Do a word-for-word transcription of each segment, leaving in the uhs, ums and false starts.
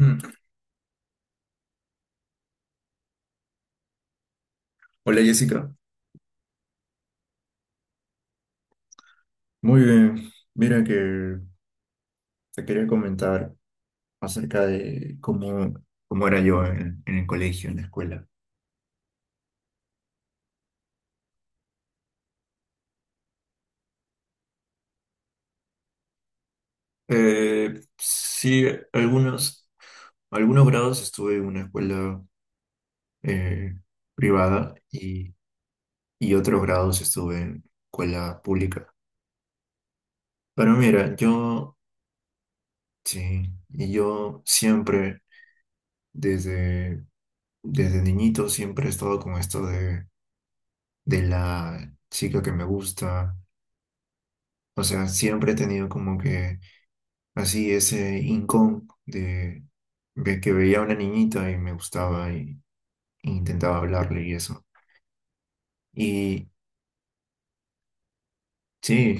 Mm. Hola Jessica, muy bien. Mira que te quería comentar acerca de cómo, cómo era yo en, en el colegio, en la escuela. Eh, sí, algunos, algunos grados estuve en una escuela eh, privada y, y otros grados estuve en escuela pública. Pero mira, yo, sí, y yo siempre, desde, desde niñito, siempre he estado con esto de la chica que me gusta. O sea, siempre he tenido como que así ese rincón de, de que veía a una niñita y me gustaba y, y intentaba hablarle y eso. Y sí,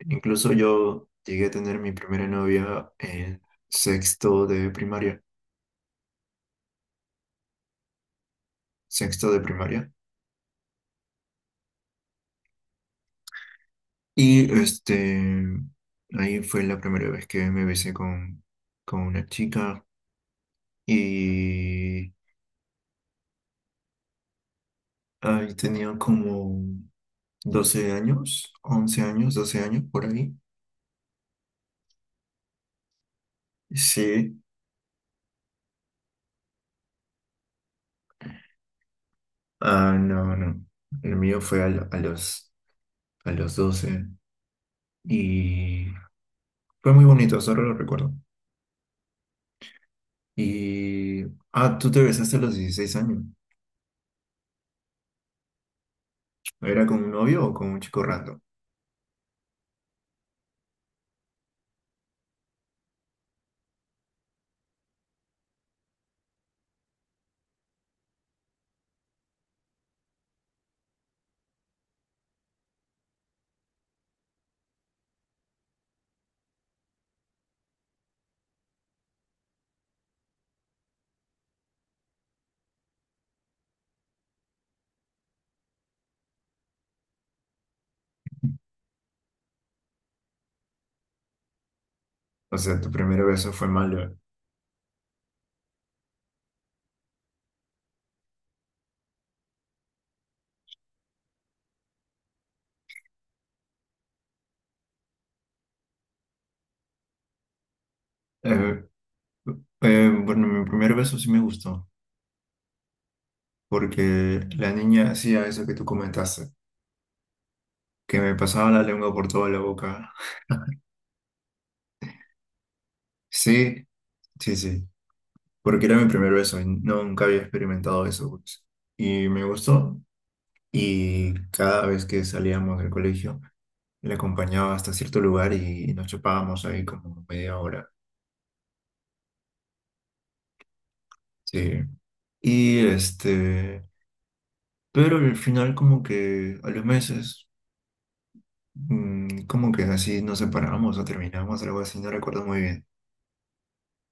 incluso yo llegué a tener mi primera novia en sexto de primaria, sexto de primaria. Y este, Ahí fue la primera vez que me besé con, con una chica, y ahí tenía como doce años, once años, doce años por ahí. Sí, ah, no, no. El mío fue a, lo- a los, a los doce y fue muy bonito, solo lo recuerdo. Y, ah, Tú te besaste a los dieciséis años. ¿Era con un novio o con un chico random? O sea, tu primer beso fue malo. Eh, eh, bueno, mi primer beso sí me gustó, porque la niña hacía eso que tú comentaste, que me pasaba la lengua por toda la boca. Sí, sí, sí, porque era mi primer beso y nunca había experimentado eso, pues. Y me gustó, y cada vez que salíamos del colegio le acompañaba hasta cierto lugar y nos chapábamos ahí como media hora. Sí. Y este, pero al final, como que a los meses, mm, como que así nos separamos o terminamos, algo así, no recuerdo muy bien.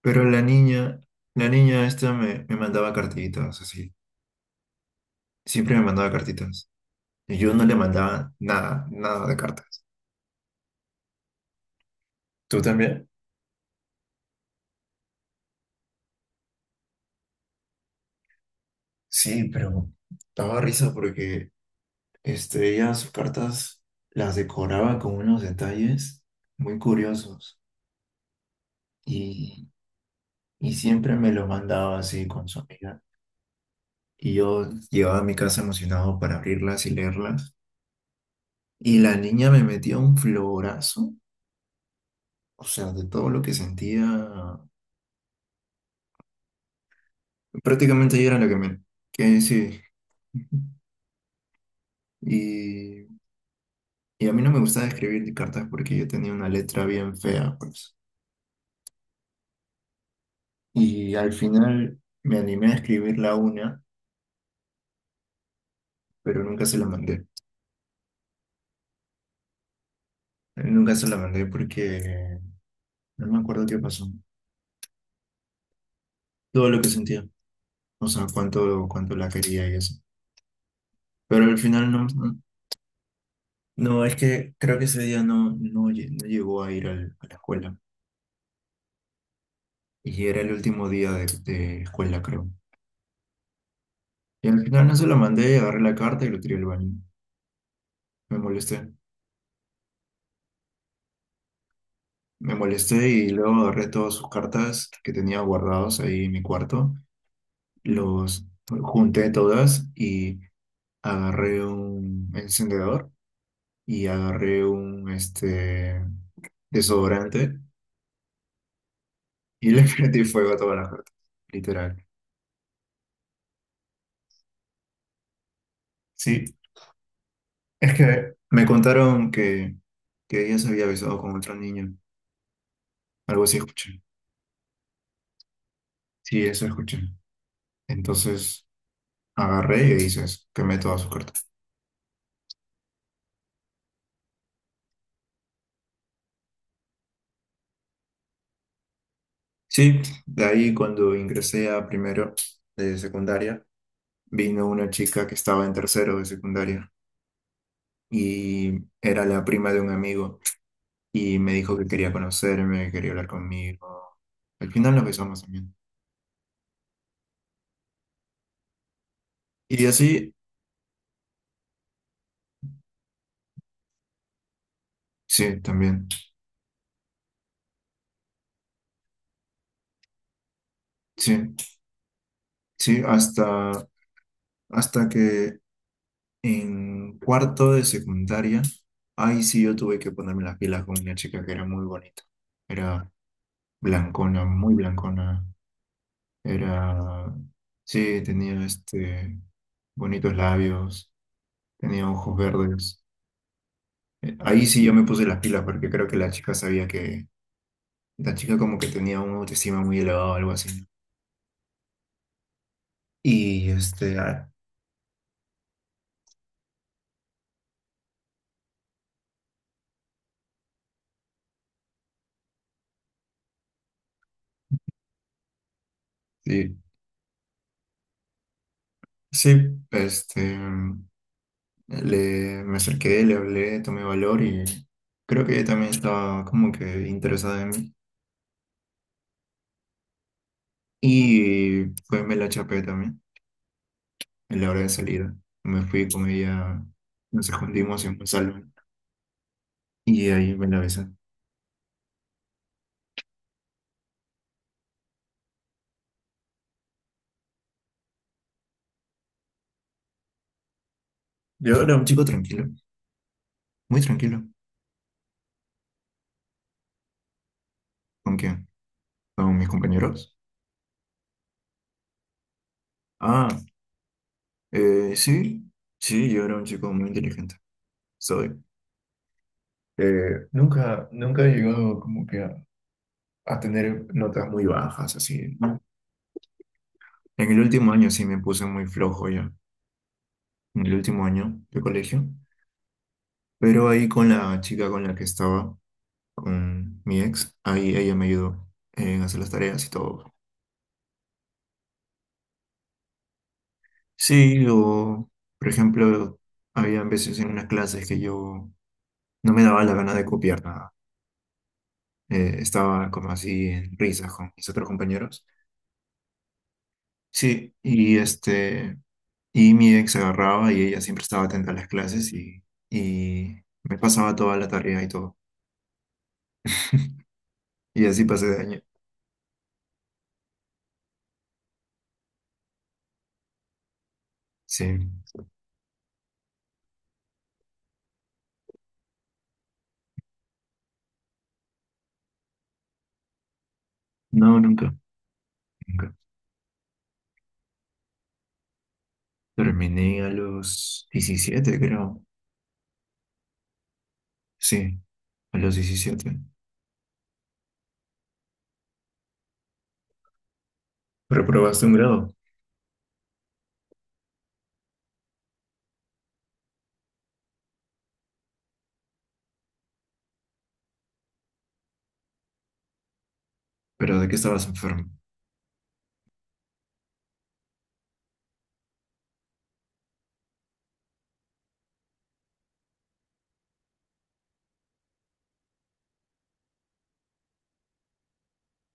Pero la niña, la niña esta me, me mandaba cartitas, así. Siempre me mandaba cartitas. Y yo no le mandaba nada, nada de cartas. ¿Tú también? Sí, pero daba risa porque este, ella sus cartas las decoraba con unos detalles muy curiosos y, y siempre me lo mandaba así con su amiga. Y yo llevaba a mi casa emocionado para abrirlas y leerlas. Y la niña me metía un florazo, o sea, de todo lo que sentía. Prácticamente ella era la que me... Que sí. Y, y a mí no me gustaba escribir cartas porque yo tenía una letra bien fea, pues. Y al final me animé a escribirla una, pero nunca se la mandé. Nunca se la mandé porque no me acuerdo qué pasó. Todo lo que sentía, o sea, cuánto, cuánto la quería y eso. Pero al final no, no, no, es que creo que ese día no, no, lle- no llegó a ir al- a la escuela. Y era el último día de, de escuela, creo. Y al final no se la mandé, agarré la carta y lo tiré al baño. Me molesté. Me molesté y luego agarré todas sus cartas que tenía guardados ahí en mi cuarto, los junté todas y agarré un encendedor y agarré un este, desodorante y le prendí fuego a todas las cartas, literal. Sí, es que me contaron que, que ella se había besado con otro niño, algo así escuché. Sí, eso escuché. Entonces agarré y dices, quemé todas sus cartas. Sí, de ahí cuando ingresé a primero de secundaria, vino una chica que estaba en tercero de secundaria y era la prima de un amigo y me dijo que quería conocerme, que quería hablar conmigo. Al final nos besamos también. Y así, sí, también. Sí, sí, hasta, hasta que en cuarto de secundaria, ahí sí yo tuve que ponerme las pilas con una chica que era muy bonita. Era blancona, muy blancona. Era, sí, tenía este bonitos labios, tenía ojos verdes. Eh, Ahí sí yo me puse las pilas porque creo que la chica sabía que la chica como que tenía una autoestima muy elevada o algo así. Y este, ah, sí, sí, este, le, me acerqué, le hablé, tomé valor y creo que ella también estaba como que interesada en mí. Y pues me la chapé también en la hora de salida. Me fui con ella, nos escondimos en un salón y ahí me la besé. Yo era un chico tranquilo, muy tranquilo. ¿Con quién? Con mis compañeros. Ah, Eh, sí, sí, yo era un chico muy inteligente. Soy. Eh, nunca, nunca he llegado como que a, a tener notas muy bajas, así, ¿no? En el último año sí me puse muy flojo ya, en el último año de colegio. Pero ahí con la chica con la que estaba, con mi ex, ahí ella me ayudó en hacer las tareas y todo. Sí, o por ejemplo, había veces en unas clases que yo no me daba la gana de copiar nada. Eh, estaba como así en risas con mis otros compañeros. Sí, y este, y mi ex agarraba y ella siempre estaba atenta a las clases y, y me pasaba toda la tarea y todo. Y así pasé de año. Sí. No, nunca, nunca. Terminé a los diecisiete, creo. Sí, a los diecisiete. Reprobaste un grado. ¿Pero de qué estabas enfermo?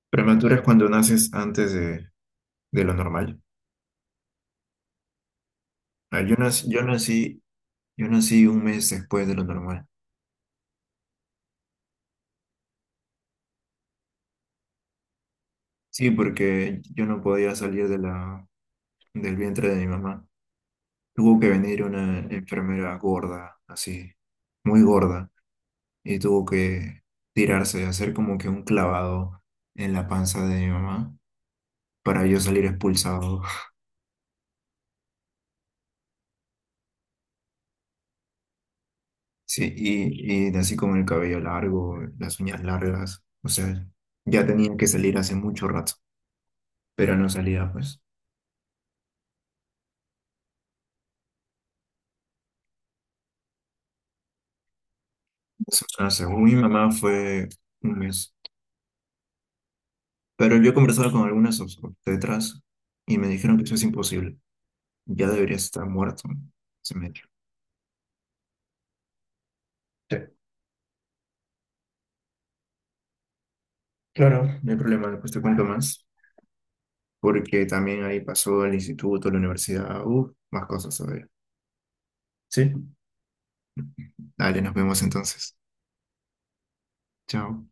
Prematura es cuando naces antes de, de lo normal. Ah, yo nací, yo nací, yo nací un mes después de lo normal. Sí, porque yo no podía salir de la, del vientre de mi mamá. Tuvo que venir una enfermera gorda, así, muy gorda, y tuvo que tirarse, hacer como que un clavado en la panza de mi mamá para yo salir expulsado. Sí, y, y así como el cabello largo, las uñas largas, o sea, ya tenía que salir hace mucho rato, pero no salía, pues. O sea, según mi mamá fue un mes. Pero yo he conversado con algunas obstetras y me dijeron que eso es imposible, ya debería estar muerto, ¿no? Ese metro. Sí, claro. No hay problema, después te cuento más, porque también ahí pasó el instituto, la universidad, uh, más cosas todavía. Sí. Dale, nos vemos entonces. Chao.